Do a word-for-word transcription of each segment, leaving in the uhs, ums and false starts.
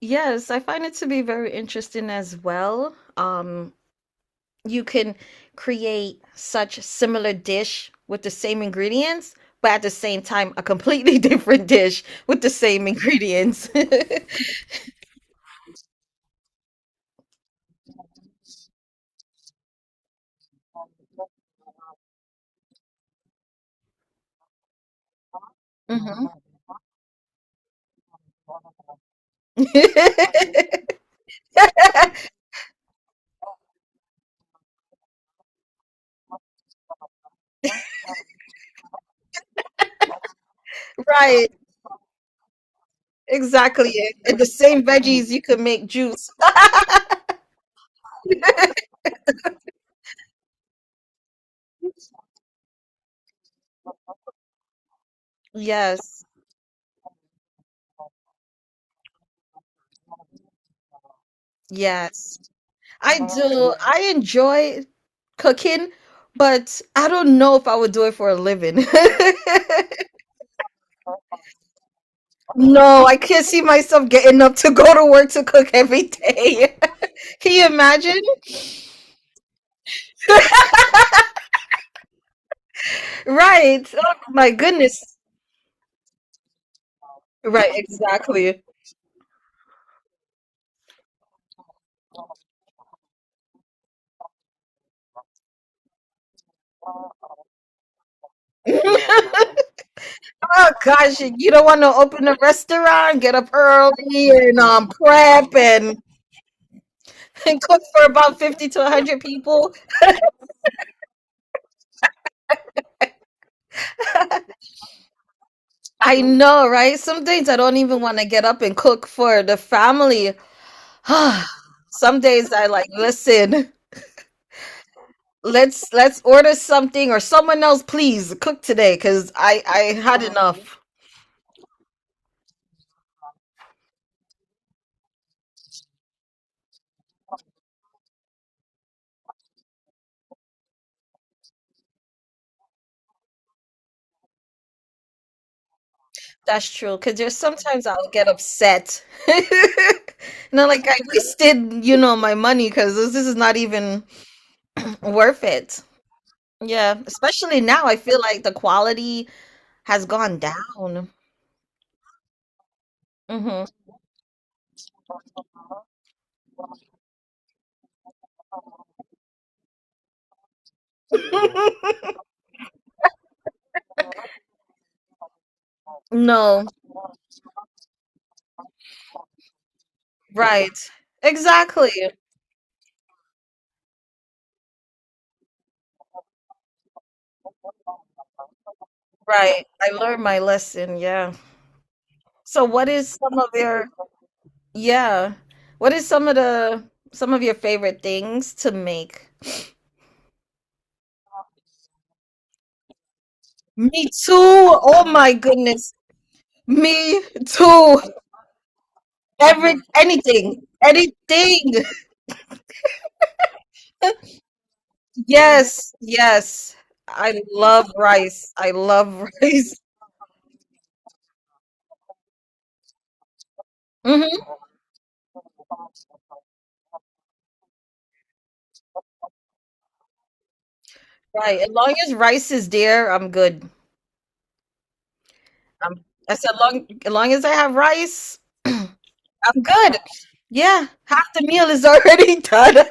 Yes, I find it to be very interesting as well. Um, you can create such similar dish with the same ingredients, but at the same time, a completely different dish with the same ingredients. Mhm. Right, exactly. And the same veggies, you can make juice. Yes, yes. I do. I enjoy cooking, but I don't know if I would do it for a living. No, I can't see myself getting up to go to work to cook every day. Can you imagine? Right. Oh my goodness. Right, exactly. Oh gosh, you don't want to open a restaurant, get up early and um prep and, and cook for about fifty to a hundred people. I know, right? Some days I don't even want to get up and cook for the family. Some days I like, listen. let's let's order something or someone else please cook today because i i had enough. That's true, because there's sometimes I'll get upset and I'm like, I wasted you know my money because this, this is not even worth it. Yeah, especially now I feel like the quality has gone down. Hmm. No, right, exactly. Right, I learned my lesson. Yeah, so what is some of your, yeah, what is some of the some of your favorite things to make? Me too. Oh my goodness. Me too. Every anything. Anything. Yes. Yes. I love rice. I love rice. Hmm. Right. As long as rice is there, I'm good. I'm, I said, long as long as I have rice, I'm good. Yeah. Half the meal is already done.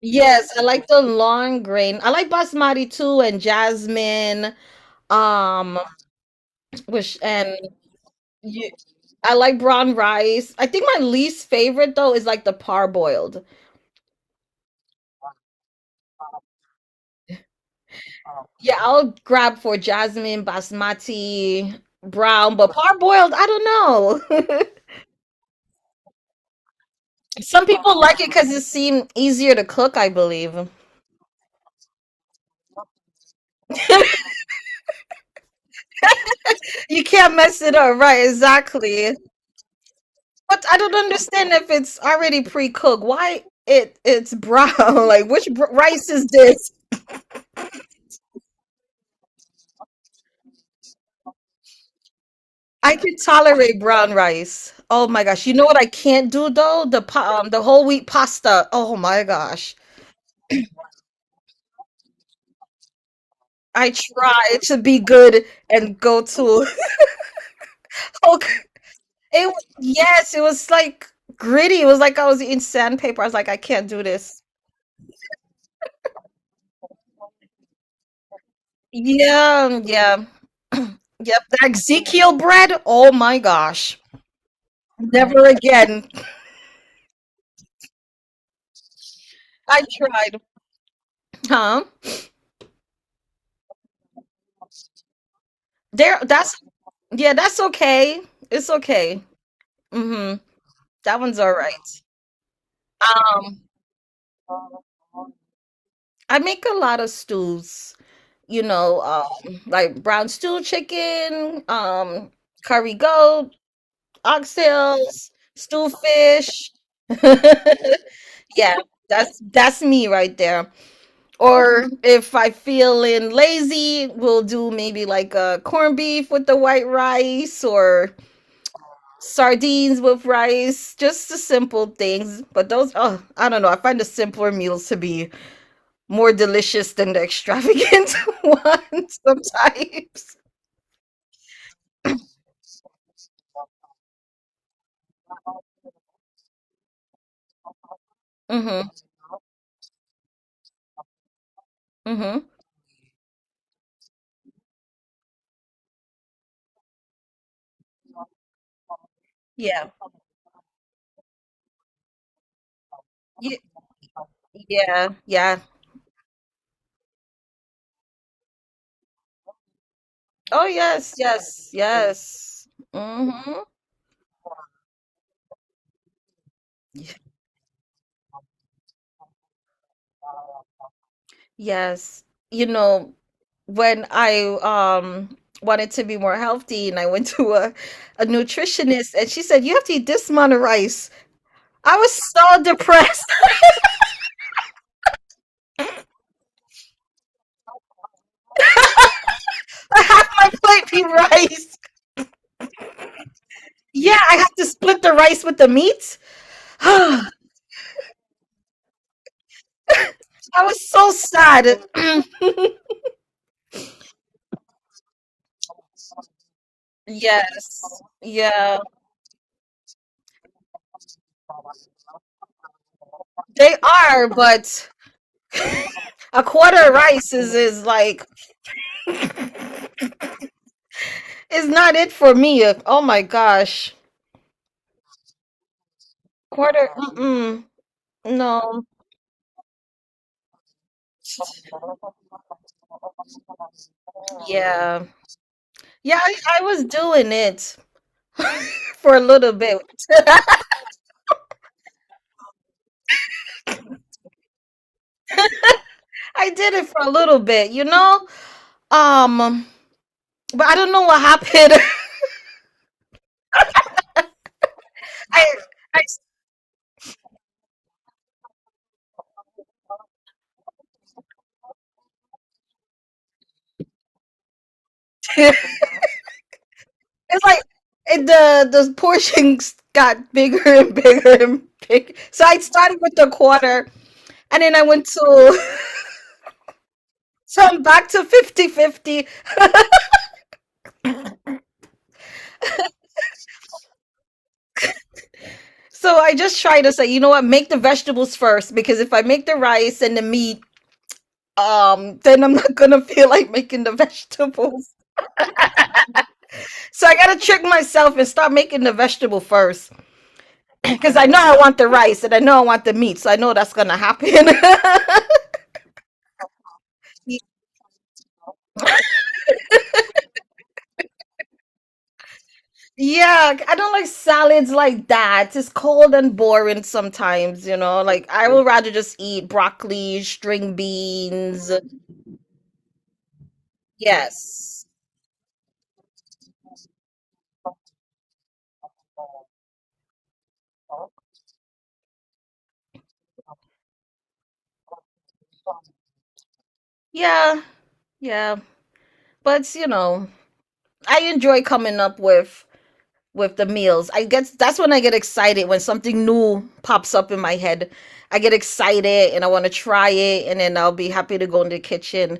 Yes, I like the long grain. I like basmati too, and jasmine. Um, which and you, I like brown rice. I think my least favorite though is like the parboiled. Yeah, I'll grab for jasmine, basmati, brown, but parboiled, I don't know. Some people like it because it seemed easier to cook, I believe. You can't mess it up, right? Exactly. But I don't understand, if it's already pre-cooked, why it it's brown? Like, which br- rice is this? I can tolerate brown rice. Oh my gosh! You know what I can't do though? The pa- um, the whole wheat pasta. Oh my gosh! I tried to be good and go to, okay. It was- yes, it was like gritty. It was like I was eating sandpaper. I was like, I can't do this. Yeah, yeah, yep. That Ezekiel bread. Oh my gosh! Never again. I tried. Huh? There that's Yeah, that's okay. It's okay. Mm-hmm. That one's all right. Um I make a lot of stews, you know, um like brown stew chicken, um curry goat, oxtails, stew fish. Yeah, that's that's me right there. Or if I feeling lazy, we'll do maybe like a corned beef with the white rice, or sardines with rice, just the simple things. But those, oh, I don't know. I find the simpler meals to be more delicious than the extravagant ones sometimes. Mhm. Mhm. Yeah. Yeah. Yeah. Yeah. Oh yes. Yes. Yes. Mhm. Yes. You know, when I um wanted to be more healthy and I went to a, a nutritionist, and she said, you have to eat this amount of rice. I was so depressed. Half my plate be rice. Yeah, I have to split the rice with the meat. I was so sad. Yes. Yeah. They are, but a quarter of rice is, is like is not it for me. Oh my gosh. Quarter, mm-mm. No. Yeah. Yeah, I, I was doing it for a little bit. I did it for a little bit, you know? Um but I don't know what happened. I I It's like, it, the the portions got bigger and bigger and big. So I started with the quarter, and then I went to, so I'm back to fifty fifty. So I just try to say, you know what, make the vegetables first, because if I make the rice and the meat, um, then I'm not gonna feel like making the vegetables. So I gotta trick myself and start making the vegetable first, because I know I want the rice and I know I want the meat, so I know that's gonna happen. Yeah, I don't like salads like that. It's cold and boring sometimes, you know. Like, I would rather just eat broccoli, string beans. Yes. Yeah, yeah. But you know, I enjoy coming up with with the meals. I guess that's when I get excited, when something new pops up in my head. I get excited and I want to try it, and then I'll be happy to go in the kitchen.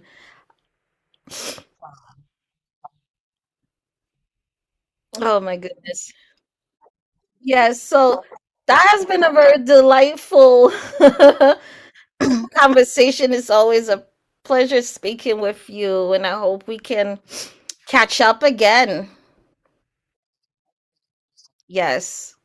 Oh my goodness. Yes, so that has been a very delightful conversation. It's always a pleasure speaking with you, and I hope we can catch up again. Yes.